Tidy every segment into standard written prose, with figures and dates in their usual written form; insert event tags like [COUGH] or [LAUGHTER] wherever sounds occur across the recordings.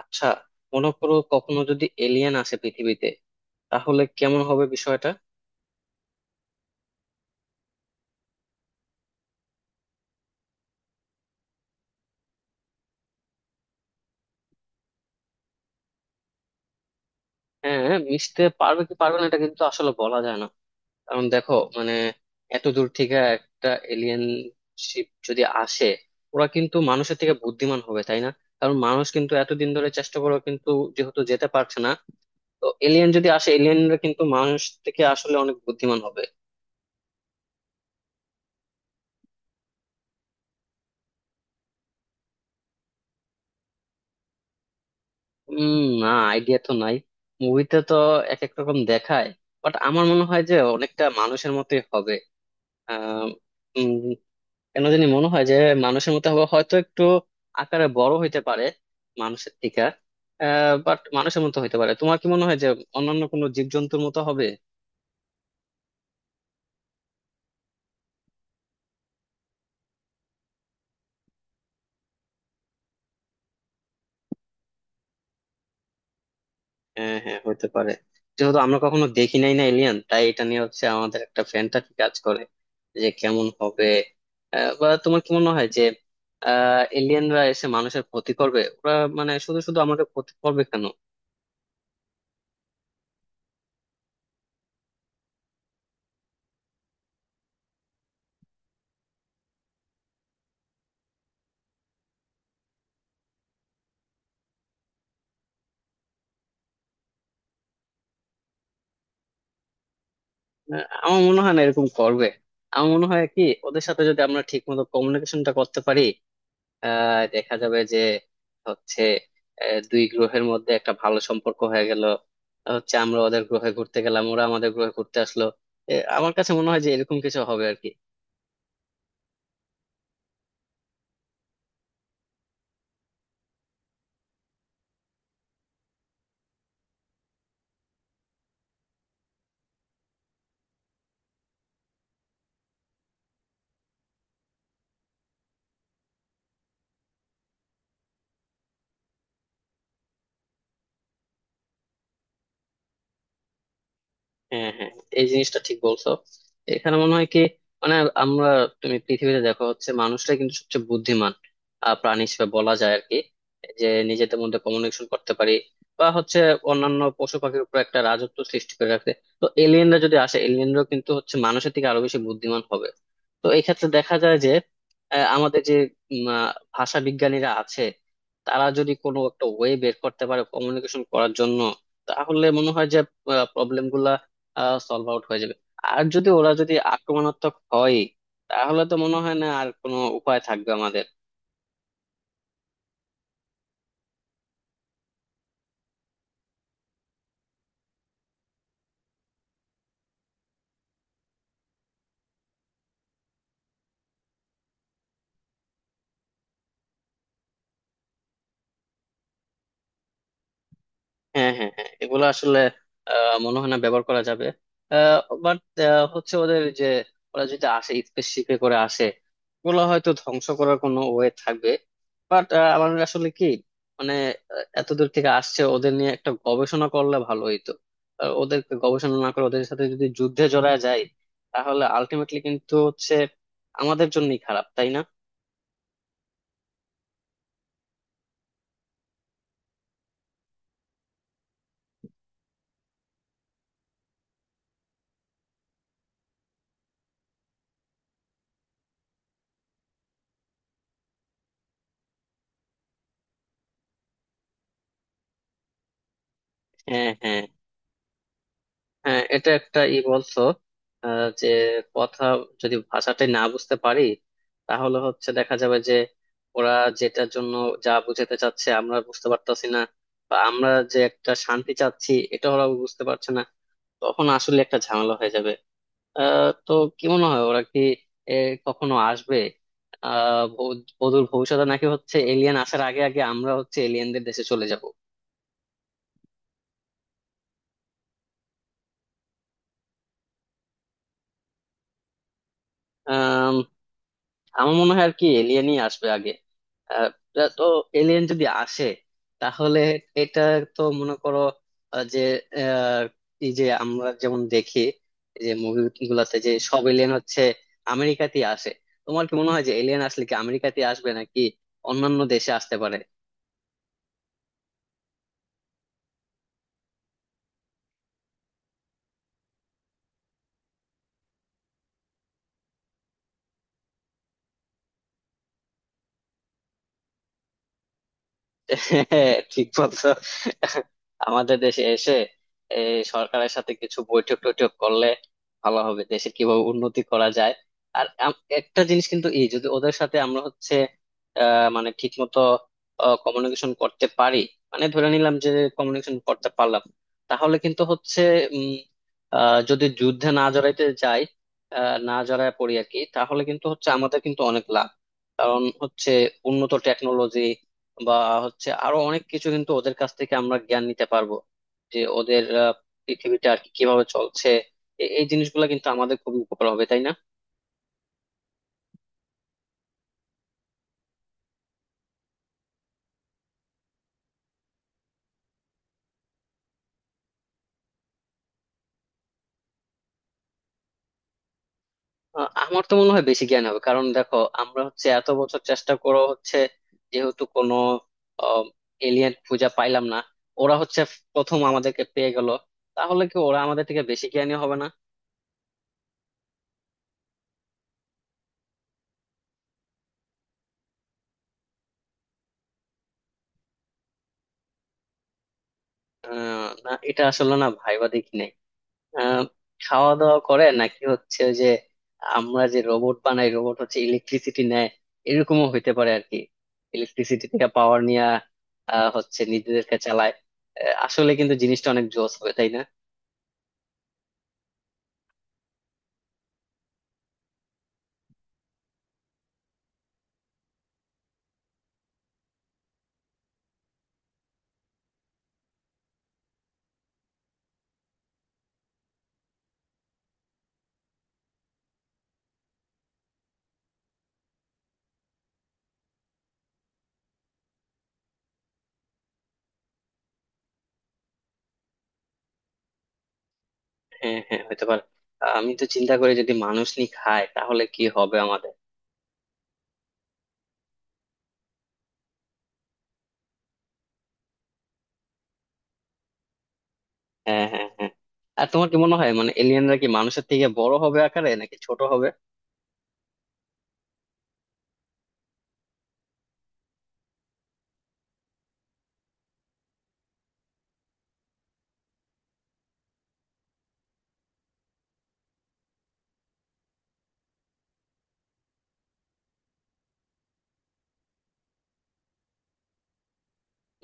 আচ্ছা, মনে করো কখনো যদি এলিয়েন আসে পৃথিবীতে, তাহলে কেমন হবে বিষয়টা? হ্যাঁ, মিশতে পারবে কি পারবে না এটা কিন্তু আসলে বলা যায় না। কারণ দেখো, মানে, এত দূর থেকে একটা এলিয়েন শিপ যদি আসে, ওরা কিন্তু মানুষের থেকে বুদ্ধিমান হবে, তাই না? কারণ মানুষ কিন্তু এতদিন ধরে চেষ্টা করেও কিন্তু যেহেতু যেতে পারছে না, তো এলিয়েন যদি আসে এলিয়েনরা কিন্তু মানুষ থেকে আসলে অনেক বুদ্ধিমান হবে। উম না, আইডিয়া তো নাই। মুভিতে তো এক এক রকম দেখায়। বাট আমার মনে হয় যে অনেকটা মানুষের মতোই হবে। আহ উম, কেন জানি মনে হয় যে মানুষের মতো হবে, হয়তো একটু আকারে বড় হইতে পারে মানুষের থেকে। বাট মানুষের মতো হইতে পারে। তোমার কি মনে হয় যে অন্যান্য কোনো জীবজন্তুর মতো হবে? হ্যাঁ, হ্যাঁ, হতে পারে। যেহেতু আমরা কখনো দেখি নাই না এলিয়ান, তাই এটা নিয়ে হচ্ছে আমাদের একটা ফ্যান্টাসি কাজ করে যে কেমন হবে। বা তোমার কি মনে হয় যে এলিয়ানরা এসে মানুষের ক্ষতি করবে? ওরা মানে শুধু শুধু আমাদের ক্ষতি করবে কেন? আমার মনে হয় না এরকম করবে। আমার মনে হয় কি, ওদের সাথে যদি আমরা ঠিক মতো কমিউনিকেশনটা করতে পারি, দেখা যাবে যে হচ্ছে দুই গ্রহের মধ্যে একটা ভালো সম্পর্ক হয়ে গেল, হচ্ছে আমরা ওদের গ্রহে ঘুরতে গেলাম ওরা আমাদের গ্রহে ঘুরতে আসলো। এ, আমার কাছে মনে হয় যে এরকম কিছু হবে আর কি। হ্যাঁ, হ্যাঁ, এই জিনিসটা ঠিক বলছো। এখানে মনে হয় কি, মানে আমরা, তুমি পৃথিবীতে দেখো হচ্ছে মানুষটা কিন্তু সবচেয়ে বুদ্ধিমান প্রাণী হিসেবে বলা যায় আর কি। যে নিজেদের মধ্যে কমিউনিকেশন করতে পারি, বা হচ্ছে অন্যান্য পশু পাখির উপর একটা রাজত্ব সৃষ্টি করে রাখতে। তো এলিয়েনরা যদি আসে এলিয়েনরাও কিন্তু হচ্ছে মানুষের থেকে আরো বেশি বুদ্ধিমান হবে। তো এই ক্ষেত্রে দেখা যায় যে আমাদের যে উম, আহ, ভাষা বিজ্ঞানীরা আছে, তারা যদি কোনো একটা ওয়ে বের করতে পারে কমিউনিকেশন করার জন্য তাহলে মনে হয় যে প্রবলেম সলভ আউট হয়ে যাবে। আর যদি ওরা যদি আক্রমণাত্মক হয়, তাহলে তো মনে হয় না আর কোনো উপায় থাকবে আমাদের। হ্যাঁ, হ্যাঁ, হ্যাঁ, এগুলো আসলে মনে হয় না ব্যবহার করা যাবে। বাট হচ্ছে ওদের যে, ওরা যদি আসে স্পেসশিপে করে আসে, ওগুলো হয়তো ধ্বংস করার কোনো ওয়ে থাকবে। বাট আমার আসলে কি, মানে এত দূর থেকে আসছে ওদের নিয়ে একটা গবেষণা করলে ভালো হইতো। ওদেরকে গবেষণা না করে ওদের সাথে যদি যুদ্ধে জড়ায় যায়, তাহলে আলটিমেটলি কিন্তু হচ্ছে আমাদের জন্যই খারাপ, তাই না? হ্যাঁ, হ্যাঁ, হ্যাঁ, এটা একটা ই বলছো। যে কথা, যদি ভাষাটাই না বুঝতে পারি তাহলে হচ্ছে দেখা যাবে যে ওরা যেটার জন্য, যা বুঝাতে চাচ্ছে আমরা বুঝতে পারতাছি না, বা আমরা যে একটা শান্তি চাচ্ছি এটা ওরা বুঝতে পারছে না, তখন আসলে একটা ঝামেলা হয়ে যাবে। তো কি মনে হয়, ওরা কি এ, কখনো আসবে অদূর ভবিষ্যতে, নাকি হচ্ছে এলিয়েন আসার আগে আগে আমরা হচ্ছে এলিয়েনদের দেশে চলে যাব? আমার মনে হয় আর কি এলিয়েনই আসবে আগে। আহ, তো এলিয়েন যদি আসে তাহলে, এটা তো মনে করো, যে আহ, এই যে আমরা যেমন দেখি, এই যে মুভি গুলাতে যে সব এলিয়েন হচ্ছে আমেরিকাতেই আসে। তোমার কি মনে হয় যে এলিয়েন আসলে কি আমেরিকাতেই আসবে নাকি অন্যান্য দেশে আসতে পারে? [LAUGHS] হ্যাঁ, ঠিক বলছো। আমাদের দেশে এসে এই সরকারের সাথে কিছু বৈঠক টৈঠক করলে ভালো হবে, দেশে কিভাবে উন্নতি করা যায়। আর একটা জিনিস কিন্তু, এই যদি ওদের সাথে আমরা হচ্ছে মানে ঠিক মতো কমিউনিকেশন করতে পারি, মানে ধরে নিলাম যে কমিউনিকেশন করতে পারলাম, তাহলে কিন্তু হচ্ছে উম যদি যুদ্ধে না জড়াইতে যাই, না জড়ায় পড়ি আর কি, তাহলে কিন্তু হচ্ছে আমাদের কিন্তু অনেক লাভ। কারণ হচ্ছে উন্নত টেকনোলজি বা হচ্ছে আরো অনেক কিছু কিন্তু ওদের কাছ থেকে আমরা জ্ঞান নিতে পারবো, যে ওদের পৃথিবীটা আর কি কিভাবে চলছে। এই জিনিসগুলো কিন্তু আমাদের খুবই উপকার হবে, তাই না? আমার তো মনে হয় বেশি জ্ঞান হবে, কারণ দেখো আমরা হচ্ছে এত বছর চেষ্টা করে হচ্ছে, যেহেতু কোনো এলিয়েন খুঁজে পাইলাম না, ওরা হচ্ছে প্রথম আমাদেরকে পেয়ে গেল, তাহলে কি ওরা আমাদের থেকে বেশি জ্ঞানী হবে না? না, এটা আসলে না ভাইবা দেখি নাই। আহ খাওয়া দাওয়া করে নাকি হচ্ছে ওই যে, আমরা যে রোবট বানাই, রোবট হচ্ছে ইলেকট্রিসিটি নেয়, এরকমও হইতে পারে আর কি, ইলেকট্রিসিটি থেকে পাওয়ার নিয়ে হচ্ছে নিজেদেরকে চালায়। আসলে কিন্তু জিনিসটা অনেক জোস হবে, তাই না? হ্যাঁ, হ্যাঁ, হতে পারে। আমি তো চিন্তা করি যদি মানুষ নি খায় তাহলে কি হবে আমাদের। হ্যাঁ, হ্যাঁ, হ্যাঁ, আর তোমার কি মনে হয় মানে এলিয়েনরা কি মানুষের থেকে বড় হবে আকারে নাকি ছোট হবে?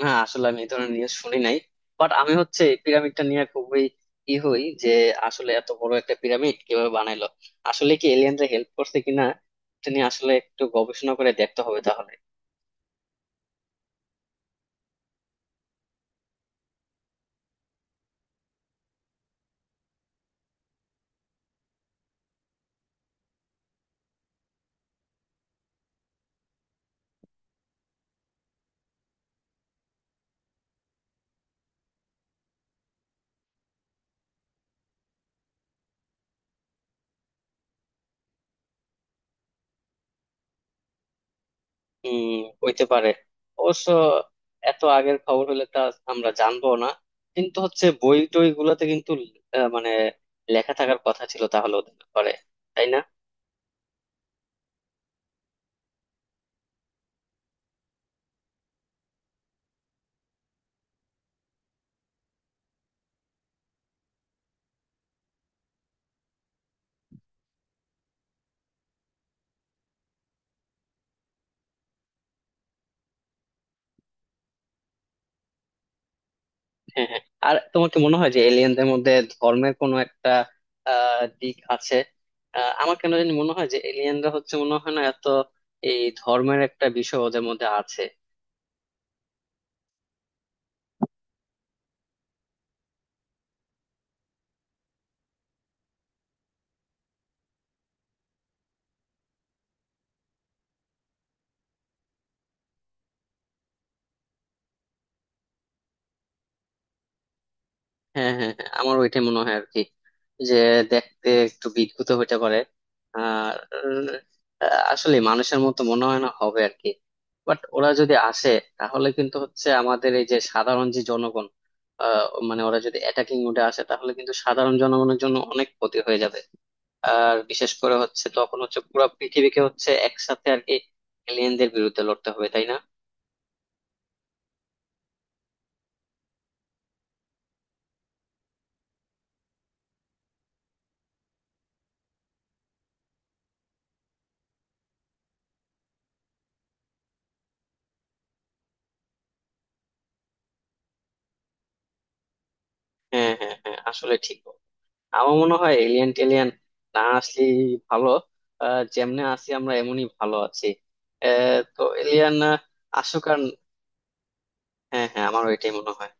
হ্যাঁ, আসলে আমি এই ধরনের নিউজ শুনি নাই। বাট আমি হচ্ছে এই পিরামিডটা নিয়ে খুবই ই হই যে আসলে এত বড় একটা পিরামিড কিভাবে বানাইলো, আসলে কি এলিয়েনরা হেল্প করছে কিনা, এটা নিয়ে আসলে একটু গবেষণা করে দেখতে হবে তাহলে। উম, হইতে পারে। অবশ্য এত আগের খবর হলে তা আমরা জানবো না, কিন্তু হচ্ছে বই টই গুলোতে কিন্তু মানে লেখা থাকার কথা ছিল তাহলে ওদের ব্যাপারে, তাই না? হ্যাঁ, হ্যাঁ, আর তোমার কি মনে হয় যে এলিয়েনদের মধ্যে ধর্মের কোনো একটা দিক আছে? আমার কেন জানি মনে হয় যে এলিয়েনরা হচ্ছে মনে হয় না, এত এই ধর্মের একটা বিষয় ওদের মধ্যে আছে। হ্যাঁ, হ্যাঁ, হ্যাঁ, আমার ওইটাই মনে হয় আর কি, যে দেখতে একটু বিদঘুত হইতে পারে। আর আসলে মানুষের মতো মনে হয় না হবে আর কি। বাট ওরা যদি আসে তাহলে কিন্তু হচ্ছে আমাদের এই যে সাধারণ যে জনগণ, আহ, মানে ওরা যদি অ্যাটাকিং মোডে আসে তাহলে কিন্তু সাধারণ জনগণের জন্য অনেক ক্ষতি হয়ে যাবে। আর বিশেষ করে হচ্ছে তখন হচ্ছে পুরো পৃথিবীকে হচ্ছে একসাথে আর কি, এলিয়েনদের বিরুদ্ধে লড়তে হবে, তাই না? হ্যাঁ, হ্যাঁ, হ্যাঁ, আসলে ঠিক। আমার মনে হয় এলিয়েন টেলিয়েন না আসলে ভালো। যেমনে আছি আমরা এমনই ভালো আছি। তো এলিয়েন আসুক আর। হ্যাঁ, হ্যাঁ, আমার এটাই মনে হয়।